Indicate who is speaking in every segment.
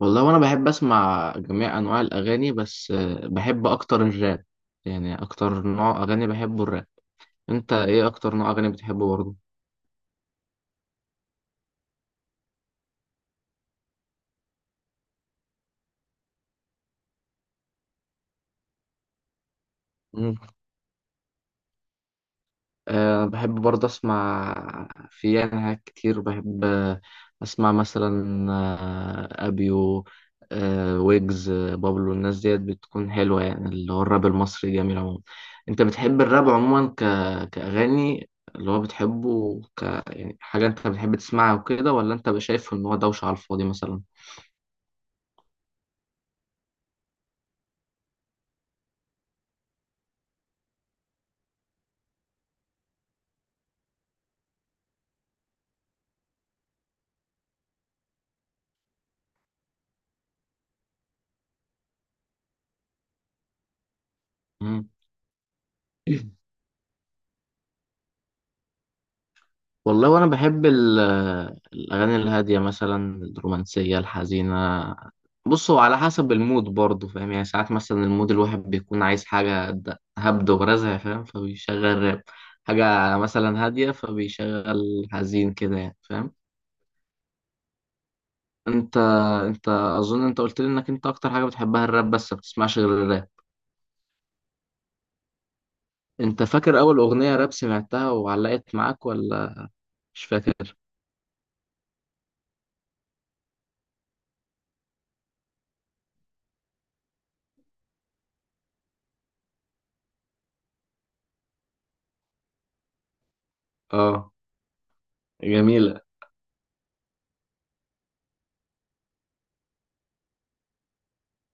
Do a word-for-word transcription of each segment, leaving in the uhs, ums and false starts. Speaker 1: والله وانا بحب اسمع جميع انواع الاغاني بس آه، بحب اكتر الراب. يعني اكتر نوع اغاني بحبه الراب. انت ايه اكتر نوع اغاني بتحبه برضه؟ أه بحب برضه أسمع في يعني حاجات كتير بحب آه، أسمع مثلا آه، أبيو أه ويجز آه، بابلو. الناس ديت بتكون حلوة يعني اللي هو الراب المصري جميل عموما. أنت بتحب الراب عموما ك... كأغاني اللي هو بتحبه ك يعني حاجة أنت بتحب تسمعها وكده، ولا أنت شايف إن هو دوشة على الفاضي مثلا؟ مم. والله وانا بحب ال- الاغاني الهاديه مثلا، الرومانسيه، الحزينه. بص هو على حسب المود برضه فاهم، يعني ساعات مثلا المود الواحد بيكون عايز حاجه د- هبد ورزع فاهم فبيشغل راب، حاجه مثلا هاديه فبيشغل حزين كده يعني فاهم. انت انت اظن انت قلت لي انك انت اكتر حاجه بتحبها الراب بس ما بتسمعش غير الراب. انت فاكر اول اغنيه راب سمعتها وعلقت معاك ولا مش فاكر؟ اه، جميله.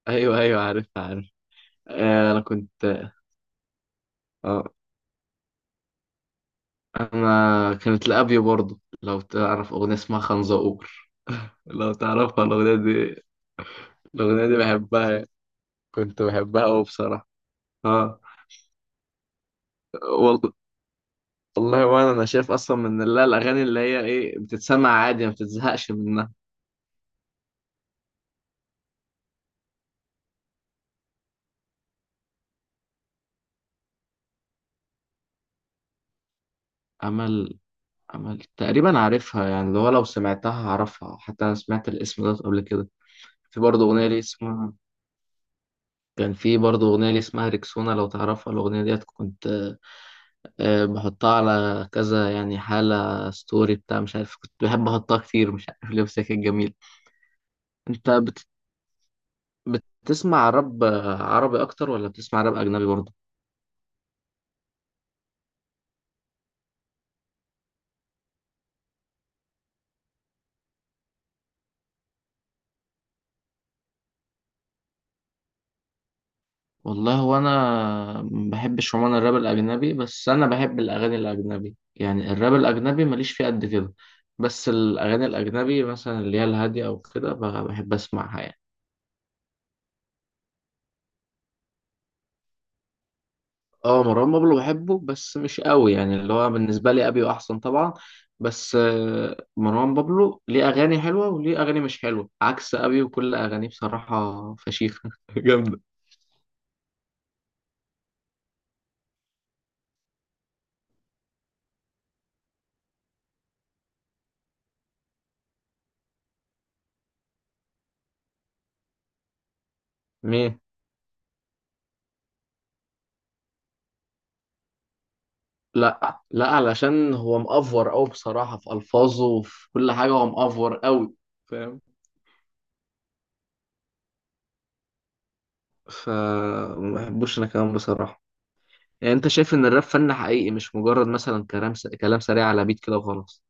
Speaker 1: ايوه ايوه، عارف عارف. آه، انا كنت. اه انا كانت لابيو برضه، لو تعرف اغنيه اسمها خنزقور، لو تعرفها الاغنيه دي الاغنيه دي بحبها يعني. كنت بحبها قوي بصراحه. اه. وال- والله وانا انا شايف اصلا من اللي الاغاني اللي هي ايه بتتسمع عادي ما بتتزهقش منها. امل. امل تقريبا عارفها، يعني اللي هو لو سمعتها هعرفها، حتى انا سمعت الاسم ده قبل كده. في برضه اغنيه لي اسمها كان في برضه اغنيه لي اسمها ريكسونا، لو تعرفها الاغنيه ديت، كنت آه، بحطها على كذا يعني حالة ستوري بتاع مش عارف، كنت بحب أحطها كتير مش عارف ليه، بس هي كانت جميلة. أنت بت... بتسمع راب آه، عربي أكتر ولا بتسمع راب أجنبي برضه؟ والله هو أنا ما بحبش عموما الراب الأجنبي، بس أنا بحب الأغاني الأجنبي، يعني الراب الأجنبي ماليش فيه قد كده. بس الأغاني الأجنبي مثلا اللي هي الهادية أو كده ب- بحب أسمعها يعني. اه، مروان بابلو بحبه بس مش قوي، يعني اللي هو بالنسبة لي أبيو أحسن طبعا. بس آه، مروان بابلو ليه أغاني حلوة وليه أغاني مش حلوة، عكس أبيو كل أغانيه بصراحة فشيخة جامدة. ليه؟ لا لا، علشان هو مأفور أوي بصراحة في ألفاظه وفي كل حاجة، هو مأفور أوي فاهم. فما بحبوش أنا كمان بصراحة يعني. أنت شايف إن الراب فن حقيقي مش مجرد مثلا كلام س... كلام سريع على بيت كده وخلاص؟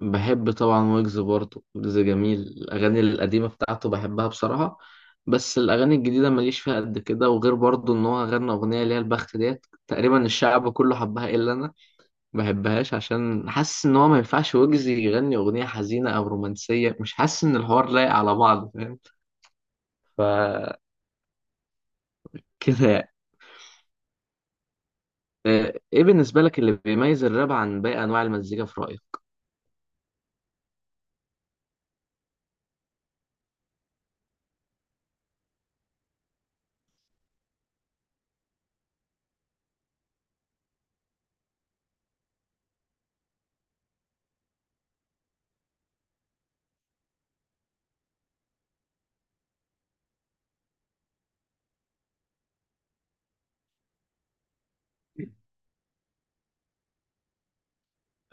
Speaker 1: بحب طبعا ويجز برضه، ويجز جميل، الأغاني القديمة بتاعته بحبها بصراحة. بس الأغاني الجديدة ماليش فيها قد كده، وغير برضه إن هو غنى أغنية اللي هي البخت ديت تقريبا الشعب كله حبها إلا أنا. ما بحبهاش عشان حاسس إن هو ما ينفعش ويجز يغني أغنية حزينة أو رومانسية، مش حاسس إن الحوار لايق على بعض فاهم. فكده يعني. آه، إيه بالنسبة لك اللي بيميز الراب عن باقي أنواع المزيكا في رأيك؟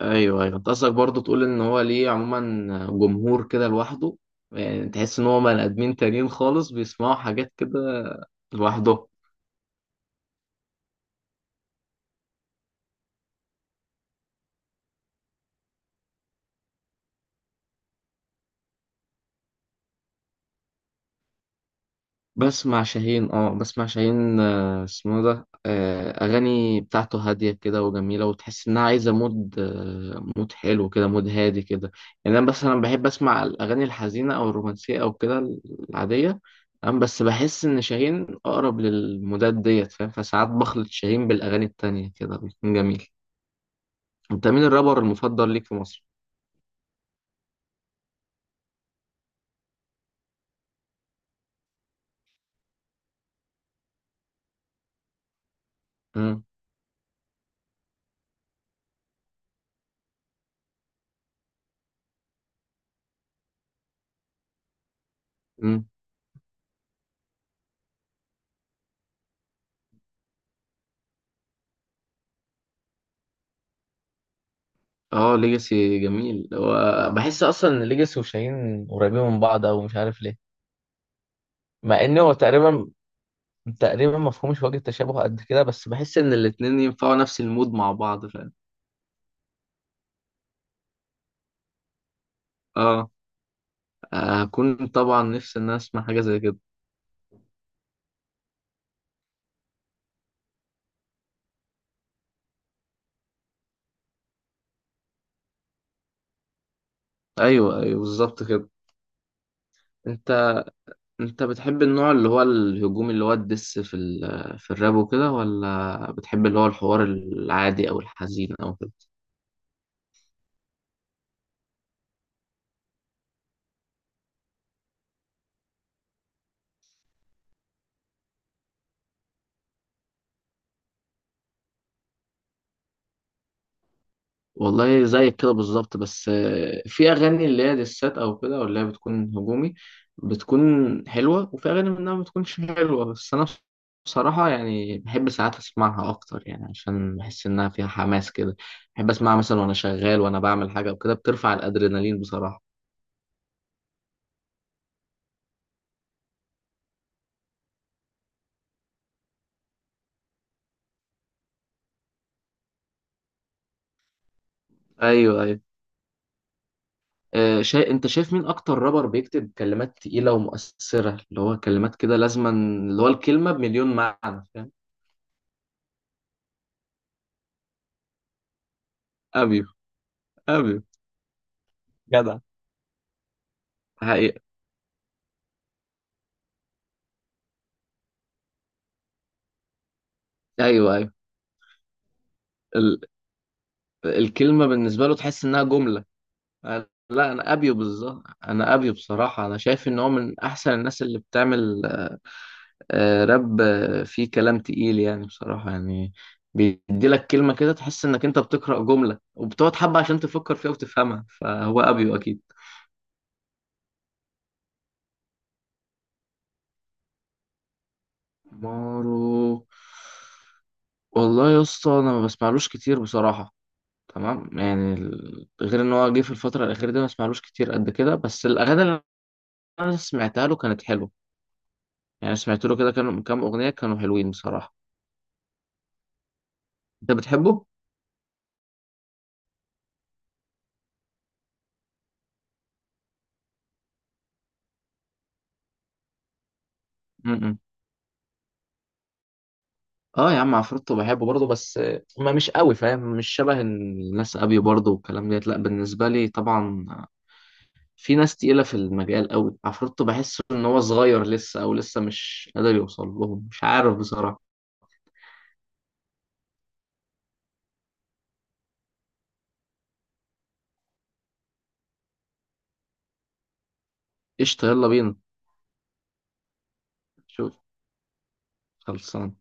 Speaker 1: ايوه ايوه، انت قصدك برضه تقول ان هو ليه عموما جمهور كده لوحده، يعني تحس ان هو بني ادمين تانيين خالص بيسمعوا حاجات كده لوحده. بسمع شاهين اه بسمع شاهين آه، اسمه ده آه، اغاني بتاعته هاديه كده وجميله، وتحس انها عايزه مود آه، مود حلو كده، مود هادي كده يعني. انا مثلا بحب اسمع الاغاني الحزينه او الرومانسيه او كده العاديه. أم بس بحس ان شاهين اقرب للمودات ديت فاهم، فساعات بخلط شاهين بالاغاني التانية كده بيكون جميل. انت مين الرابر المفضل ليك في مصر؟ امم. امم. اه، ليجاسي جميل هو. بحس اصلا ان ليجاسي وشاهين قريبين من بعض، او مش عارف ليه. مع ان هو تقريبا تقريبا مفهومش وجه التشابه قد كده، بس بحس ان الاتنين ينفعوا نفس المود مع بعض فاهم. اه، هكون طبعا نفسي ان انا اسمع حاجه زي كده. ايوه ايوه بالظبط كده. انت انت بتحب النوع اللي هو الهجومي، اللي هو الدس في ال... في الراب وكده، ولا بتحب اللي هو الحوار العادي او الحزين او كده؟ والله زيك كده بالظبط، بس آه، في اغاني اللي هي ديسات او كده ولا هي بتكون هجومي بتكون حلوه، وفي اغاني منها ما بتكونش حلوه، بس انا بصراحه يعني بحب ساعات اسمعها اكتر، يعني عشان بحس انها فيها حماس كده. بحب اسمعها مثلا وانا شغال، وانا بعمل حاجه وكده، بترفع الادرينالين بصراحه. ايوه ايوه. آه، شا... انت شايف مين اكتر رابر بيكتب كلمات تقيله ومؤثره، اللي هو كلمات كده لازما، اللي هو الكلمه بمليون معنى فاهم؟ ابيو ابيو جدع حقيقة. أيوه. ال... الكلمة بالنسبة له تحس إنها جملة. أنا- لا أنا أبيو بالظبط. أنا أبيو بصراحة، أنا شايف إن هو من أحسن الناس اللي بتعمل آه، راب آه، فيه كلام تقيل يعني، بصراحة يعني بيدي لك كلمة كده تحس إنك أنت بتقرأ جملة وبتقعد حبة عشان تفكر فيها وتفهمها، فهو أبيو أكيد. مارو. والله يا اسطى أنا ما بسمعلوش كتير بصراحة. تمام يعني، ال- غير إن هو جه في الفترة الأخيرة دي ما بسمعلوش كتير قد كده، بس الأغاني اللي أنا سمعتها له كانت حلوة. يعني سمعت له كده كانوا كام اغنيه كانوا حلوين بصراحه. انت بتحبه؟ م-م. اه يا عم عفروتو بحبه برضه، بس آه، ما مش قوي فاهم، مش شبه الناس ابيو برضه والكلام ديت، لا بالنسبه لي طبعا، آه، في ناس تقيله في المجال قوي، عفروتو بحس ان هو صغير لسه او لسه مش قادر يوصل لهم مش عارف بصراحه. قشطه يلا بينا. شوف، خلصان.